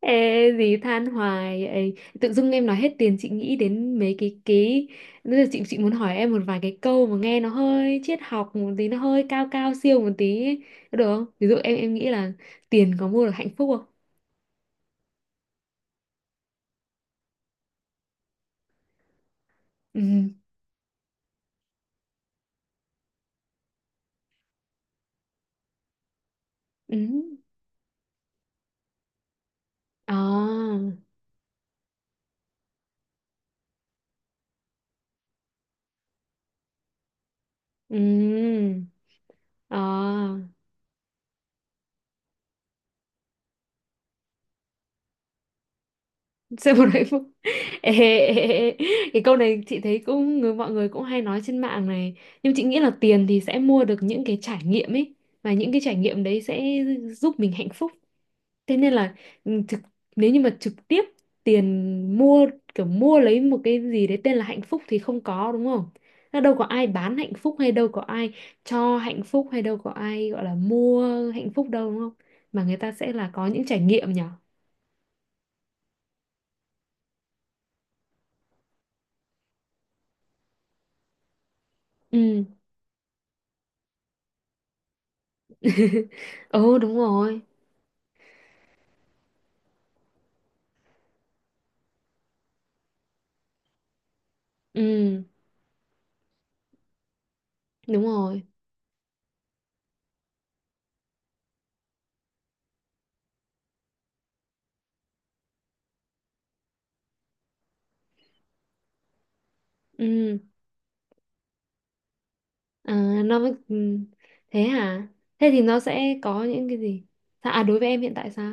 Ê, gì than hoài ấy. Tự dưng em nói hết tiền chị nghĩ đến mấy cái bây giờ chị muốn hỏi em một vài cái câu mà nghe nó hơi triết học một tí, nó hơi cao cao siêu một tí ấy. Có được không? Ví dụ em nghĩ là tiền có mua được hạnh phúc không? Ừ. Ừ. À. Ừ. À. Seguro hạnh phúc. Ê, ê, ê, ê. Cái câu này chị thấy cũng mọi người cũng hay nói trên mạng này. Nhưng chị nghĩ là tiền thì sẽ mua được những cái trải nghiệm ấy và những cái trải nghiệm đấy sẽ giúp mình hạnh phúc. Thế nên là ừ, thực nếu như mà trực tiếp tiền kiểu mua lấy một cái gì đấy tên là hạnh phúc thì không có, đúng không? Nó đâu có ai bán hạnh phúc hay đâu có ai cho hạnh phúc hay đâu có ai gọi là mua hạnh phúc đâu, đúng không? Mà người ta sẽ là có những trải nghiệm nhở? Ừ. Ừ, đúng rồi. Ừ, đúng rồi. Ừ. À, nó mới ừ. Thế hả? Thế thì nó sẽ có những cái gì? À, đối với em hiện tại sao?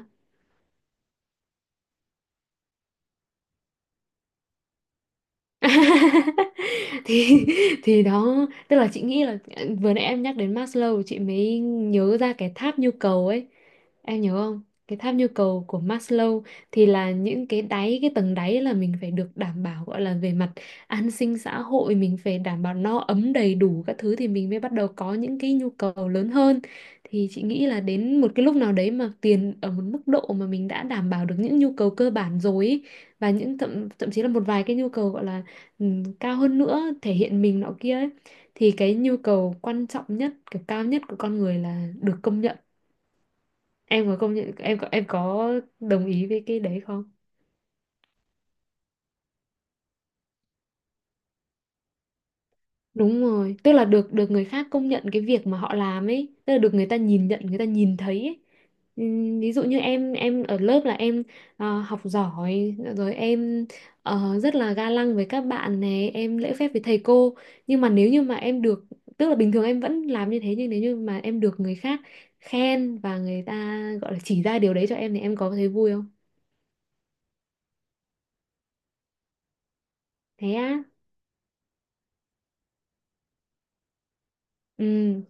thì thì đó, tức là chị nghĩ là, vừa nãy em nhắc đến Maslow chị mới nhớ ra cái tháp nhu cầu ấy, em nhớ không, cái tháp nhu cầu của Maslow. Thì là những cái tầng đáy là mình phải được đảm bảo, gọi là về mặt an sinh xã hội, mình phải đảm bảo no ấm đầy đủ các thứ thì mình mới bắt đầu có những cái nhu cầu lớn hơn. Thì chị nghĩ là đến một cái lúc nào đấy mà tiền ở một mức độ mà mình đã đảm bảo được những nhu cầu cơ bản rồi ấy, và những thậm thậm chí là một vài cái nhu cầu gọi là, cao hơn nữa, thể hiện mình nọ kia ấy, thì cái nhu cầu quan trọng nhất, cái cao nhất của con người là được công nhận. Em có đồng ý với cái đấy không? Đúng rồi, tức là được được người khác công nhận cái việc mà họ làm ấy, tức là được người ta nhìn nhận, người ta nhìn thấy ấy. Ví dụ như em ở lớp là em học giỏi rồi, em rất là ga lăng với các bạn này, em lễ phép với thầy cô. Nhưng mà nếu như mà em được, tức là bình thường em vẫn làm như thế, nhưng nếu như mà em được người khác khen và người ta gọi là chỉ ra điều đấy cho em thì em có thấy vui không? Thế á. Ừ.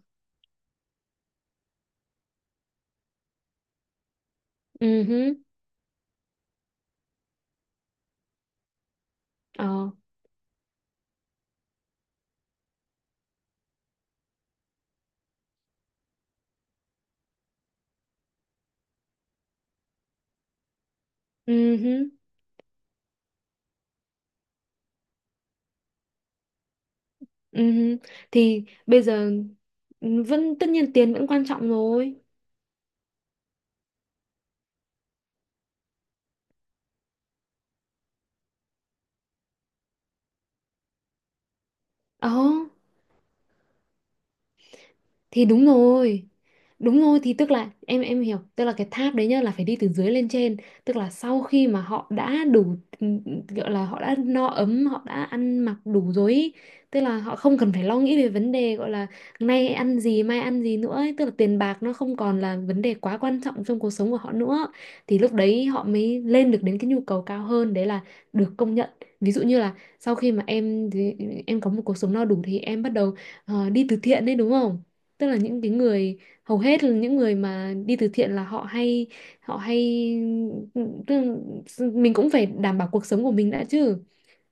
Ừ hứ. Ờ. Ừ. Ừm, Thì bây giờ vẫn tất nhiên tiền vẫn quan trọng rồi. Ờ, thì đúng rồi, đúng rồi, thì tức là em hiểu, tức là cái tháp đấy nhá là phải đi từ dưới lên trên, tức là sau khi mà họ đã đủ, gọi là họ đã no ấm, họ đã ăn mặc đủ rồi ý, tức là họ không cần phải lo nghĩ về vấn đề gọi là nay ăn gì mai ăn gì nữa ấy, tức là tiền bạc nó không còn là vấn đề quá quan trọng trong cuộc sống của họ nữa, thì lúc đấy họ mới lên được đến cái nhu cầu cao hơn, đấy là được công nhận. Ví dụ như là sau khi mà em có một cuộc sống no đủ thì em bắt đầu, đi từ thiện đấy, đúng không? Tức là những cái người hầu hết là những người mà đi từ thiện là họ hay tức là mình cũng phải đảm bảo cuộc sống của mình đã chứ,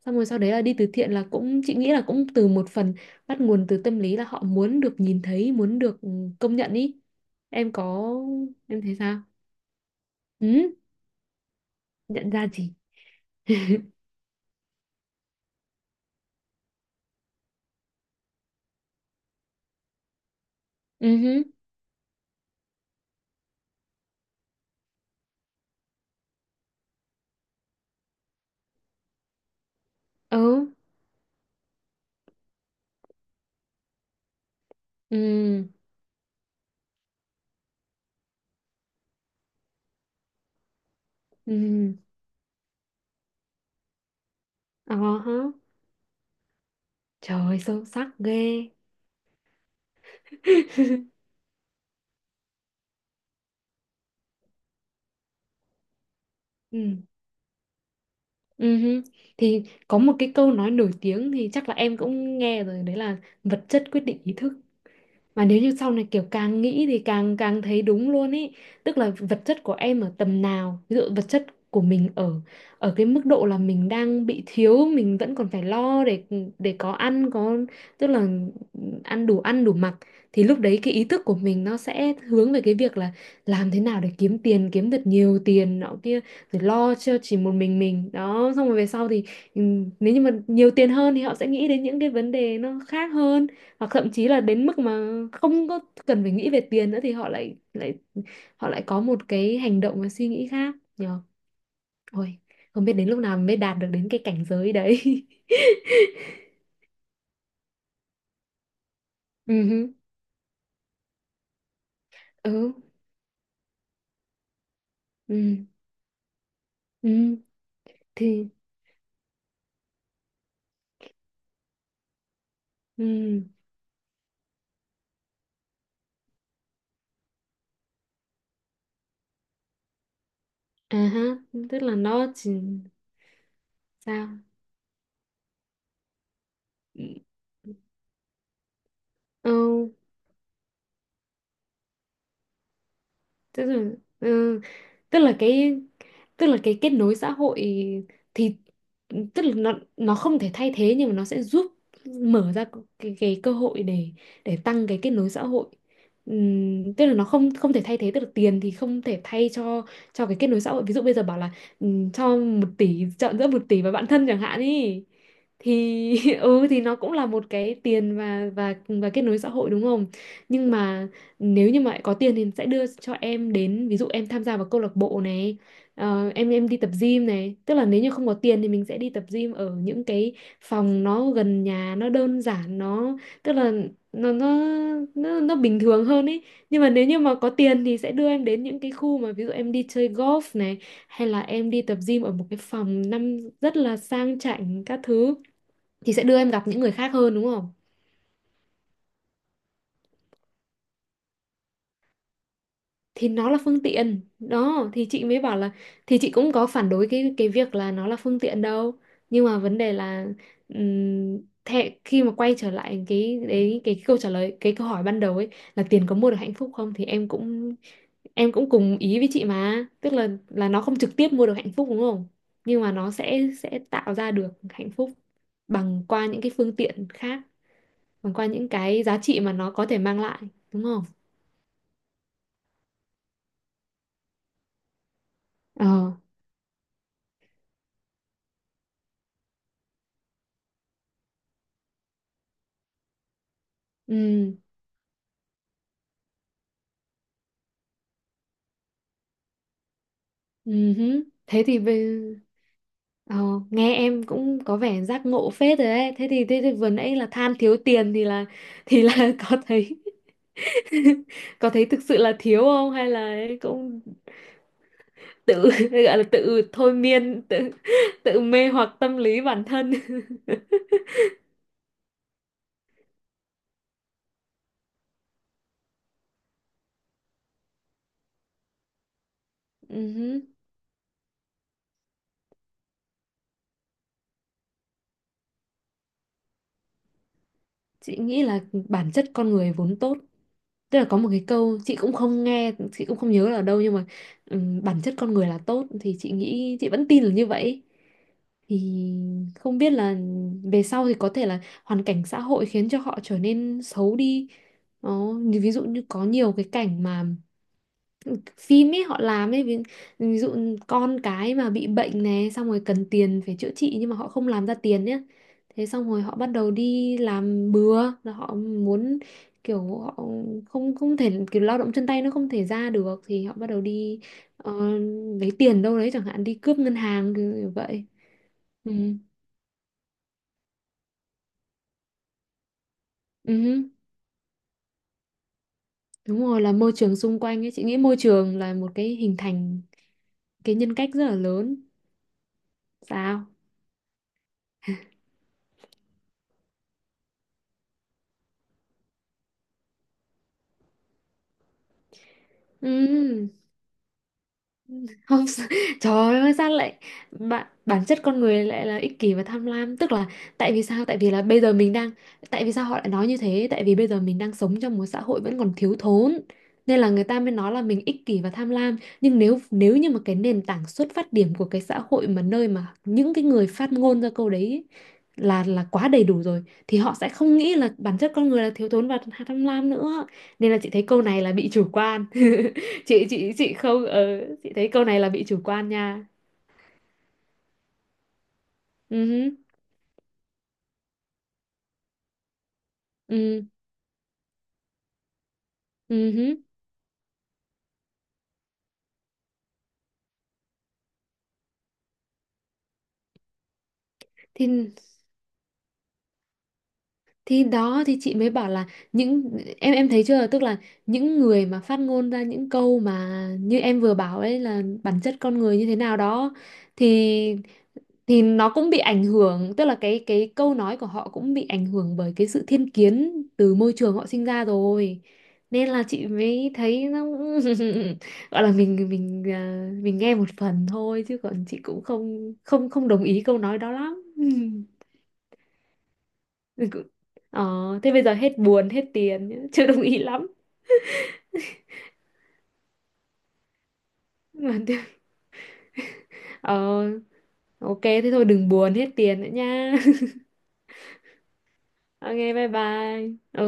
xong rồi sau đấy là đi từ thiện là cũng, chị nghĩ là cũng từ một phần bắt nguồn từ tâm lý là họ muốn được nhìn thấy, muốn được công nhận ý. Em có em thấy sao? Ừ. Nhận ra gì? Ừ hứ. Ừ. Ừ. Ừ. Ừ. Ờ hả. Trời, sâu sắc ghê. Ừ. Ừ hứ. Thì có một cái câu nói nổi tiếng thì chắc là em cũng nghe rồi, đấy là vật chất quyết định ý thức, mà nếu như sau này kiểu càng nghĩ thì càng càng thấy đúng luôn ý. Tức là vật chất của em ở tầm nào, ví dụ vật chất của mình ở ở cái mức độ là mình đang bị thiếu, mình vẫn còn phải lo để có ăn có, tức là ăn đủ mặc, thì lúc đấy cái ý thức của mình nó sẽ hướng về cái việc là làm thế nào để kiếm tiền, kiếm thật nhiều tiền nọ kia, rồi lo cho chỉ một mình mình. Đó, xong rồi về sau thì, ừ, nếu như mà nhiều tiền hơn thì họ sẽ nghĩ đến những cái vấn đề nó khác hơn, hoặc thậm chí là đến mức mà không có cần phải nghĩ về tiền nữa thì họ lại có một cái hành động và suy nghĩ khác nhờ. Ôi, không biết đến lúc nào mới đạt được đến cái cảnh giới đấy. Ừ hứ. Ừ. Ừ. Ừ. Thì ừ. À ha. Tức là nó chỉ sao? Ừ. Ừ. Tức là ừ, tức là cái cái kết nối xã hội, thì tức là nó không thể thay thế nhưng mà nó sẽ giúp mở ra cái cơ hội để tăng cái kết nối xã hội. Tức là nó không không thể thay thế, tức là tiền thì không thể thay cho cái kết nối xã hội. Ví dụ bây giờ bảo là, cho 1 tỷ, chọn giữa 1 tỷ và bạn thân chẳng hạn ý, thì ừ, thì nó cũng là một cái tiền và kết nối xã hội, đúng không? Nhưng mà nếu như mà có tiền thì sẽ đưa cho em đến, ví dụ em tham gia vào câu lạc bộ này, ờ, em đi tập gym này, tức là nếu như không có tiền thì mình sẽ đi tập gym ở những cái phòng nó gần nhà, nó đơn giản, nó, tức là nó nó nó bình thường hơn ấy. Nhưng mà nếu như mà có tiền thì sẽ đưa em đến những cái khu mà ví dụ em đi chơi golf này, hay là em đi tập gym ở một cái phòng năm rất là sang chảnh các thứ, thì sẽ đưa em gặp những người khác hơn, đúng không? Thì nó là phương tiện đó, thì chị mới bảo là, thì chị cũng có phản đối cái việc là nó là phương tiện đâu, nhưng mà vấn đề là, ừm, thế khi mà quay trở lại câu trả lời cái câu hỏi ban đầu ấy, là tiền có mua được hạnh phúc không, thì em cũng cùng ý với chị mà, tức là nó không trực tiếp mua được hạnh phúc, đúng không, nhưng mà nó sẽ tạo ra được hạnh phúc bằng qua những cái phương tiện khác, bằng qua những cái giá trị mà nó có thể mang lại, đúng không? Ờ. Ừ. Ừ hứ. Thế thì ờ, nghe em cũng có vẻ giác ngộ phết rồi đấy. Thế thì, vừa nãy là than thiếu tiền thì là có thấy có thấy thực sự là thiếu không hay là ấy cũng tự gọi là tự thôi miên, tự tự mê hoặc tâm lý bản thân. Ừ hứ. Chị nghĩ là bản chất con người vốn tốt, tức là có một cái câu chị cũng không nghe, chị cũng không nhớ là ở đâu, nhưng mà, bản chất con người là tốt thì chị nghĩ chị vẫn tin là như vậy. Thì không biết là về sau thì có thể là hoàn cảnh xã hội khiến cho họ trở nên xấu đi. Đó, như ví dụ như có nhiều cái cảnh mà phim ấy họ làm ấy, ví dụ con cái mà bị bệnh này, xong rồi cần tiền phải chữa trị nhưng mà họ không làm ra tiền nhé, thế xong rồi họ bắt đầu đi làm bừa là họ muốn, kiểu họ không không thể, kiểu lao động chân tay nó không thể ra được thì họ bắt đầu đi, ờ, lấy tiền đâu đấy chẳng hạn, đi cướp ngân hàng kiểu vậy. Ừ. Ừ. Đúng rồi, là môi trường xung quanh ấy, chị nghĩ môi trường là một cái hình thành cái nhân cách rất là lớn. Sao? Ừ. Không, trời ơi, sao lại bạn bản chất con người lại là ích kỷ và tham lam, tức là tại vì sao, tại vì là bây giờ mình đang, tại vì sao họ lại nói như thế, tại vì bây giờ mình đang sống trong một xã hội vẫn còn thiếu thốn nên là người ta mới nói là mình ích kỷ và tham lam. Nhưng nếu nếu như mà cái nền tảng xuất phát điểm của cái xã hội mà nơi mà những cái người phát ngôn ra câu đấy ấy, là quá đầy đủ rồi thì họ sẽ không nghĩ là bản chất con người là thiếu thốn và tham lam nữa, nên là chị thấy câu này là bị chủ quan. Chị không, chị thấy câu này là bị chủ quan nha. Ừ hứ. Ừ. Ừ hứ. thì thì đó, thì chị mới bảo là, em thấy chưa, tức là những người mà phát ngôn ra những câu mà như em vừa bảo ấy là bản chất con người như thế nào đó, thì thì nó cũng bị ảnh hưởng, tức là cái câu nói của họ cũng bị ảnh hưởng bởi cái sự thiên kiến từ môi trường họ sinh ra rồi, nên là chị mới thấy nó cũng gọi là mình nghe một phần thôi chứ còn chị cũng không không không đồng ý câu nói đó lắm. Mình cũng- ờ, Thế bây giờ hết buồn hết tiền nhá. Chưa đồng ý lắm. Mà thế- ờ, ok, thế thôi đừng buồn hết tiền nữa nha. Ok bye bye. Ừ.